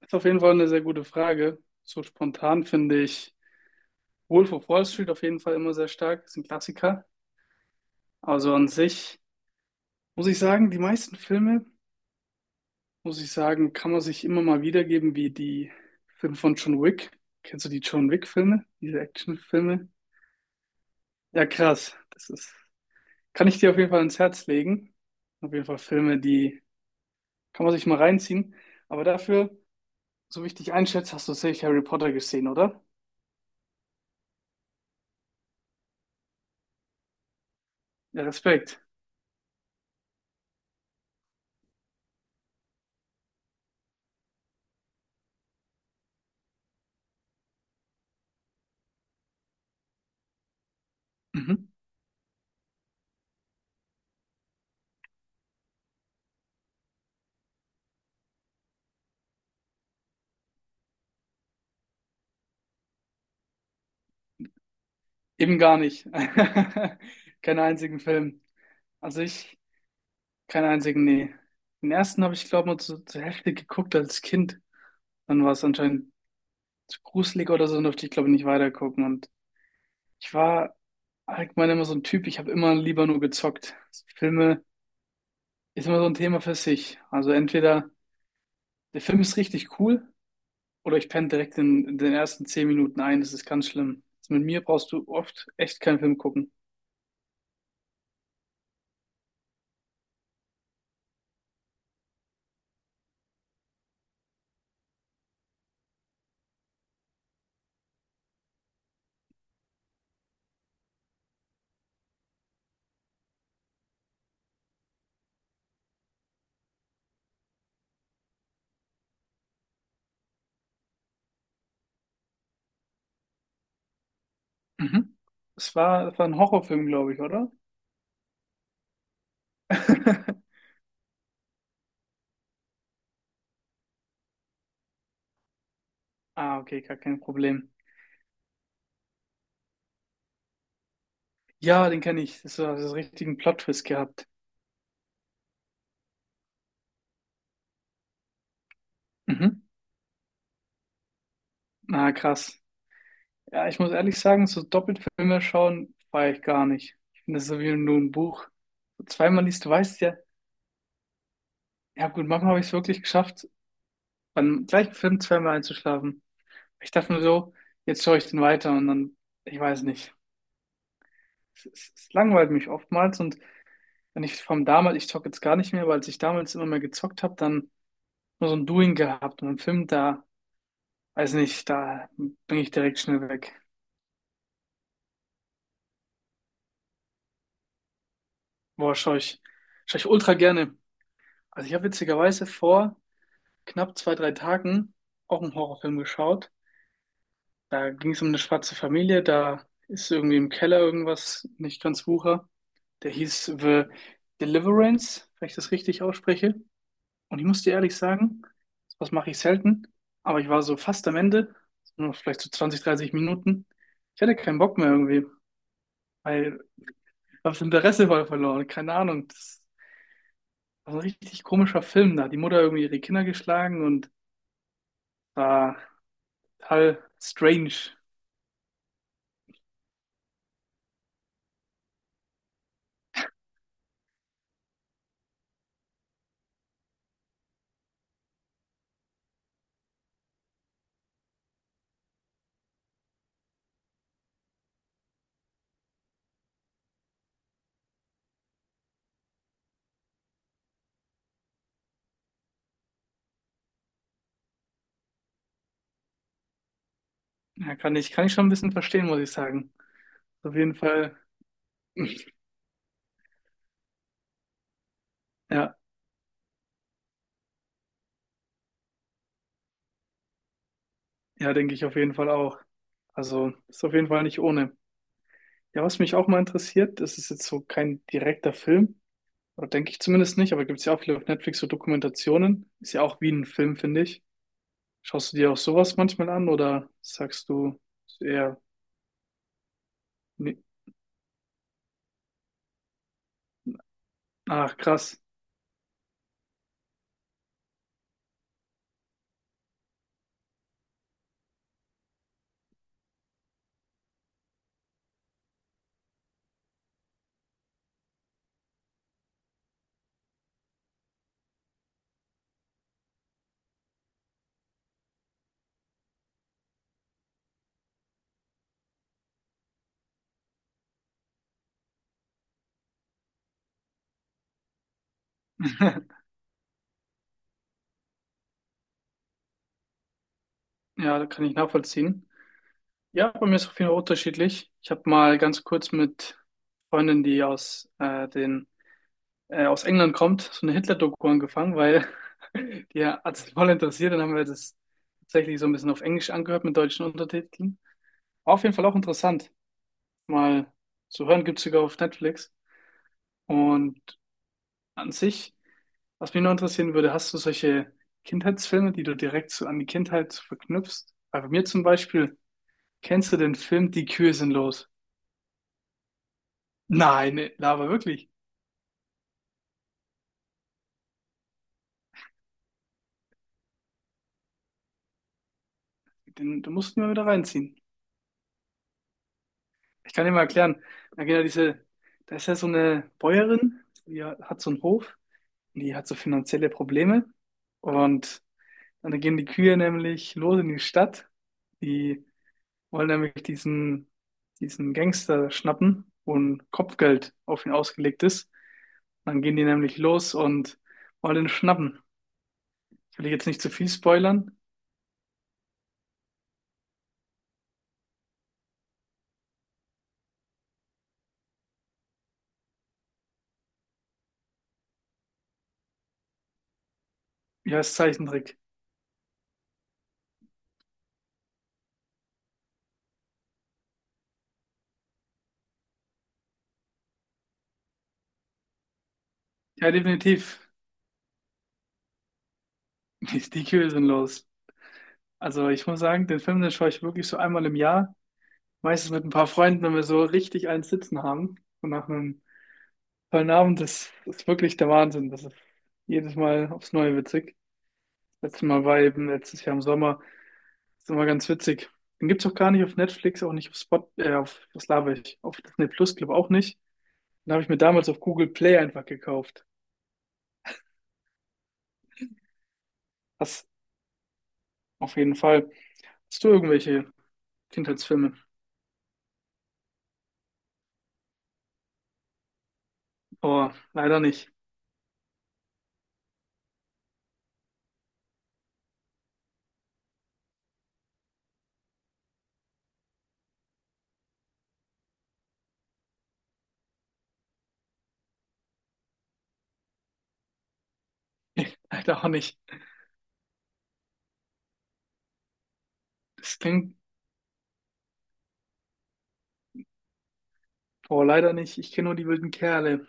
Ist auf jeden Fall eine sehr gute Frage. So spontan finde ich Wolf of Wall Street auf jeden Fall immer sehr stark. Ist ein Klassiker. Also an sich muss ich sagen, die meisten Filme, muss ich sagen, kann man sich immer mal wiedergeben, wie die Filme von John Wick. Kennst du die John Wick-Filme? Diese Actionfilme? Ja, krass. Kann ich dir auf jeden Fall ans Herz legen. Auf jeden Fall Filme, die kann man sich mal reinziehen. Aber dafür, so wie ich dich einschätze, hast du sicher Harry Potter gesehen, oder? Ja, Respekt. Mhm. Eben gar nicht. Keinen einzigen Film. Also ich, Keinen einzigen, nee. Den ersten habe ich, glaube ich, nur zur Hälfte geguckt als Kind. Dann war es anscheinend zu gruselig oder so, dann durfte ich, glaube ich, nicht weitergucken. Und ich war allgemein immer so ein Typ, ich habe immer lieber nur gezockt. Filme ist immer so ein Thema für sich. Also entweder der Film ist richtig cool oder ich penne direkt in den ersten 10 Minuten ein. Das ist ganz schlimm. Also mit mir brauchst du oft echt keinen Film gucken. Mhm. Es war ein Horrorfilm, glaube ich, oder? Ah, okay, gar kein Problem. Ja, den kenne ich. Das war das richtigen Plot-Twist gehabt. Mhm. Na, krass. Ja, ich muss ehrlich sagen, so doppelt Filme schauen, feiere ich gar nicht. Ich finde, das ist so wie nur ein Buch. So zweimal liest, du weißt ja, ja gut, manchmal habe ich es wirklich geschafft, beim gleichen Film zweimal einzuschlafen. Ich dachte mir so, jetzt schaue ich den weiter und dann, ich weiß nicht. Es langweilt mich oftmals und wenn ich vom damals, ich zocke jetzt gar nicht mehr, weil als ich damals immer mehr gezockt habe, dann nur so ein Doing gehabt und einen Film da. Weiß nicht, da bin ich direkt schnell weg. Boah, schaue ich ultra gerne. Also ich habe witzigerweise vor knapp 2-3 Tagen auch einen Horrorfilm geschaut. Da ging es um eine schwarze Familie, da ist irgendwie im Keller irgendwas nicht ganz wucher. Der hieß The Deliverance, wenn ich das richtig ausspreche. Und ich muss dir ehrlich sagen, was mache ich selten, aber ich war so fast am Ende, nur vielleicht so 20-30 Minuten. Ich hatte keinen Bock mehr irgendwie, weil ich habe das Interesse voll verloren. Keine Ahnung. Das war ein richtig komischer Film. Da hat die Mutter irgendwie ihre Kinder geschlagen und war total strange. Ja, kann ich schon ein bisschen verstehen, muss ich sagen. Auf jeden Fall, ja, ja, denke ich auf jeden Fall auch. Also ist auf jeden Fall nicht ohne. Ja, was mich auch mal interessiert, das ist jetzt so kein direkter Film, oder denke ich zumindest nicht, aber gibt es ja auch viele auf Netflix so Dokumentationen. Ist ja auch wie ein Film, finde ich. Schaust du dir auch sowas manchmal an oder sagst du ist eher, nee, ach krass, ja, kann ich nachvollziehen. Ja, bei mir ist es auf jeden Fall unterschiedlich. Ich habe mal ganz kurz mit Freundin, die aus England kommt, so eine Hitler-Doku angefangen, weil die hat es voll interessiert. Dann haben wir das tatsächlich so ein bisschen auf Englisch angehört mit deutschen Untertiteln. Auf jeden Fall auch interessant, mal zu hören. Gibt's sogar auf Netflix. Und an sich, was mich noch interessieren würde, hast du solche Kindheitsfilme, die du direkt so an die Kindheit so verknüpfst? Weil bei mir zum Beispiel, kennst du den Film Die Kühe sind los? Nein, nee, laber wirklich. Den mussten wir wieder reinziehen. Ich kann dir mal erklären. Da geht ja diese, Da ist ja so eine Bäuerin, die hat so einen Hof und die hat so finanzielle Probleme. Und dann gehen die Kühe nämlich los in die Stadt. Die wollen nämlich diesen Gangster schnappen, wo ein Kopfgeld auf ihn ausgelegt ist. Dann gehen die nämlich los und wollen ihn schnappen. Ich will jetzt nicht zu viel spoilern. Ja, ist Zeichentrick. Ja, definitiv. Die, die Kühe sind los. Also ich muss sagen, den Film, den schaue ich wirklich so einmal im Jahr. Meistens mit ein paar Freunden, wenn wir so richtig einen Sitzen haben. Und nach einem tollen Abend, ist wirklich der Wahnsinn. Das ist jedes Mal aufs Neue witzig. Letztes Mal war eben letztes Jahr im Sommer. Das ist immer ganz witzig. Den gibt's auch gar nicht auf Netflix, auch nicht auf, was laber ich, auf Disney Plus, glaube auch nicht. Den habe ich mir damals auf Google Play einfach gekauft. Das auf jeden Fall. Hast du irgendwelche Kindheitsfilme? Oh, leider nicht. Leider auch nicht. Das klingt. Boah, leider nicht. Ich kenne nur die wilden Kerle.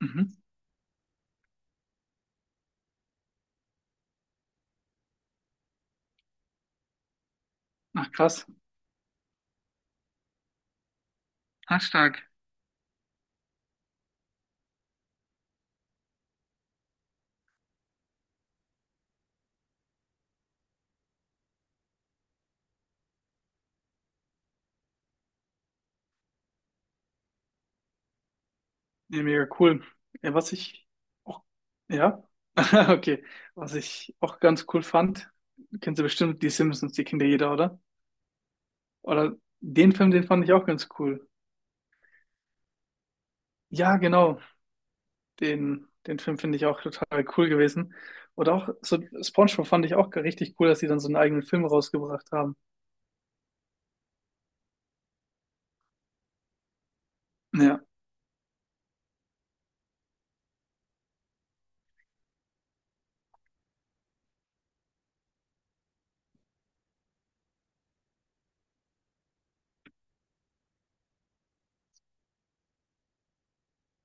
Mhm. Ach, krass. Ah, stark. Ja, mega cool. Ja, was ich auch, ja, okay. Was ich auch ganz cool fand, kennst du bestimmt die Simpsons, die kennt ja jeder, oder? Oder den Film, den fand ich auch ganz cool. Ja, genau. Den Film finde ich auch total cool gewesen. Oder auch so SpongeBob fand ich auch richtig cool, dass sie dann so einen eigenen Film rausgebracht haben. Ja.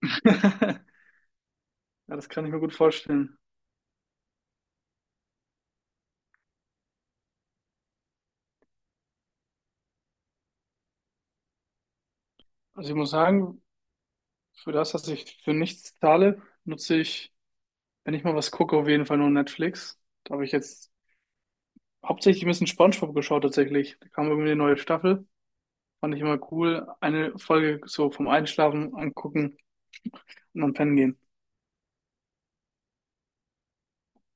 Ja, das kann ich mir gut vorstellen. Also ich muss sagen, für das, dass ich für nichts zahle, nutze ich, wenn ich mal was gucke, auf jeden Fall nur Netflix. Da habe ich jetzt hauptsächlich ein bisschen SpongeBob geschaut tatsächlich. Da kam irgendwie eine neue Staffel. Fand ich immer cool. Eine Folge so vom Einschlafen angucken und dann pennen gehen.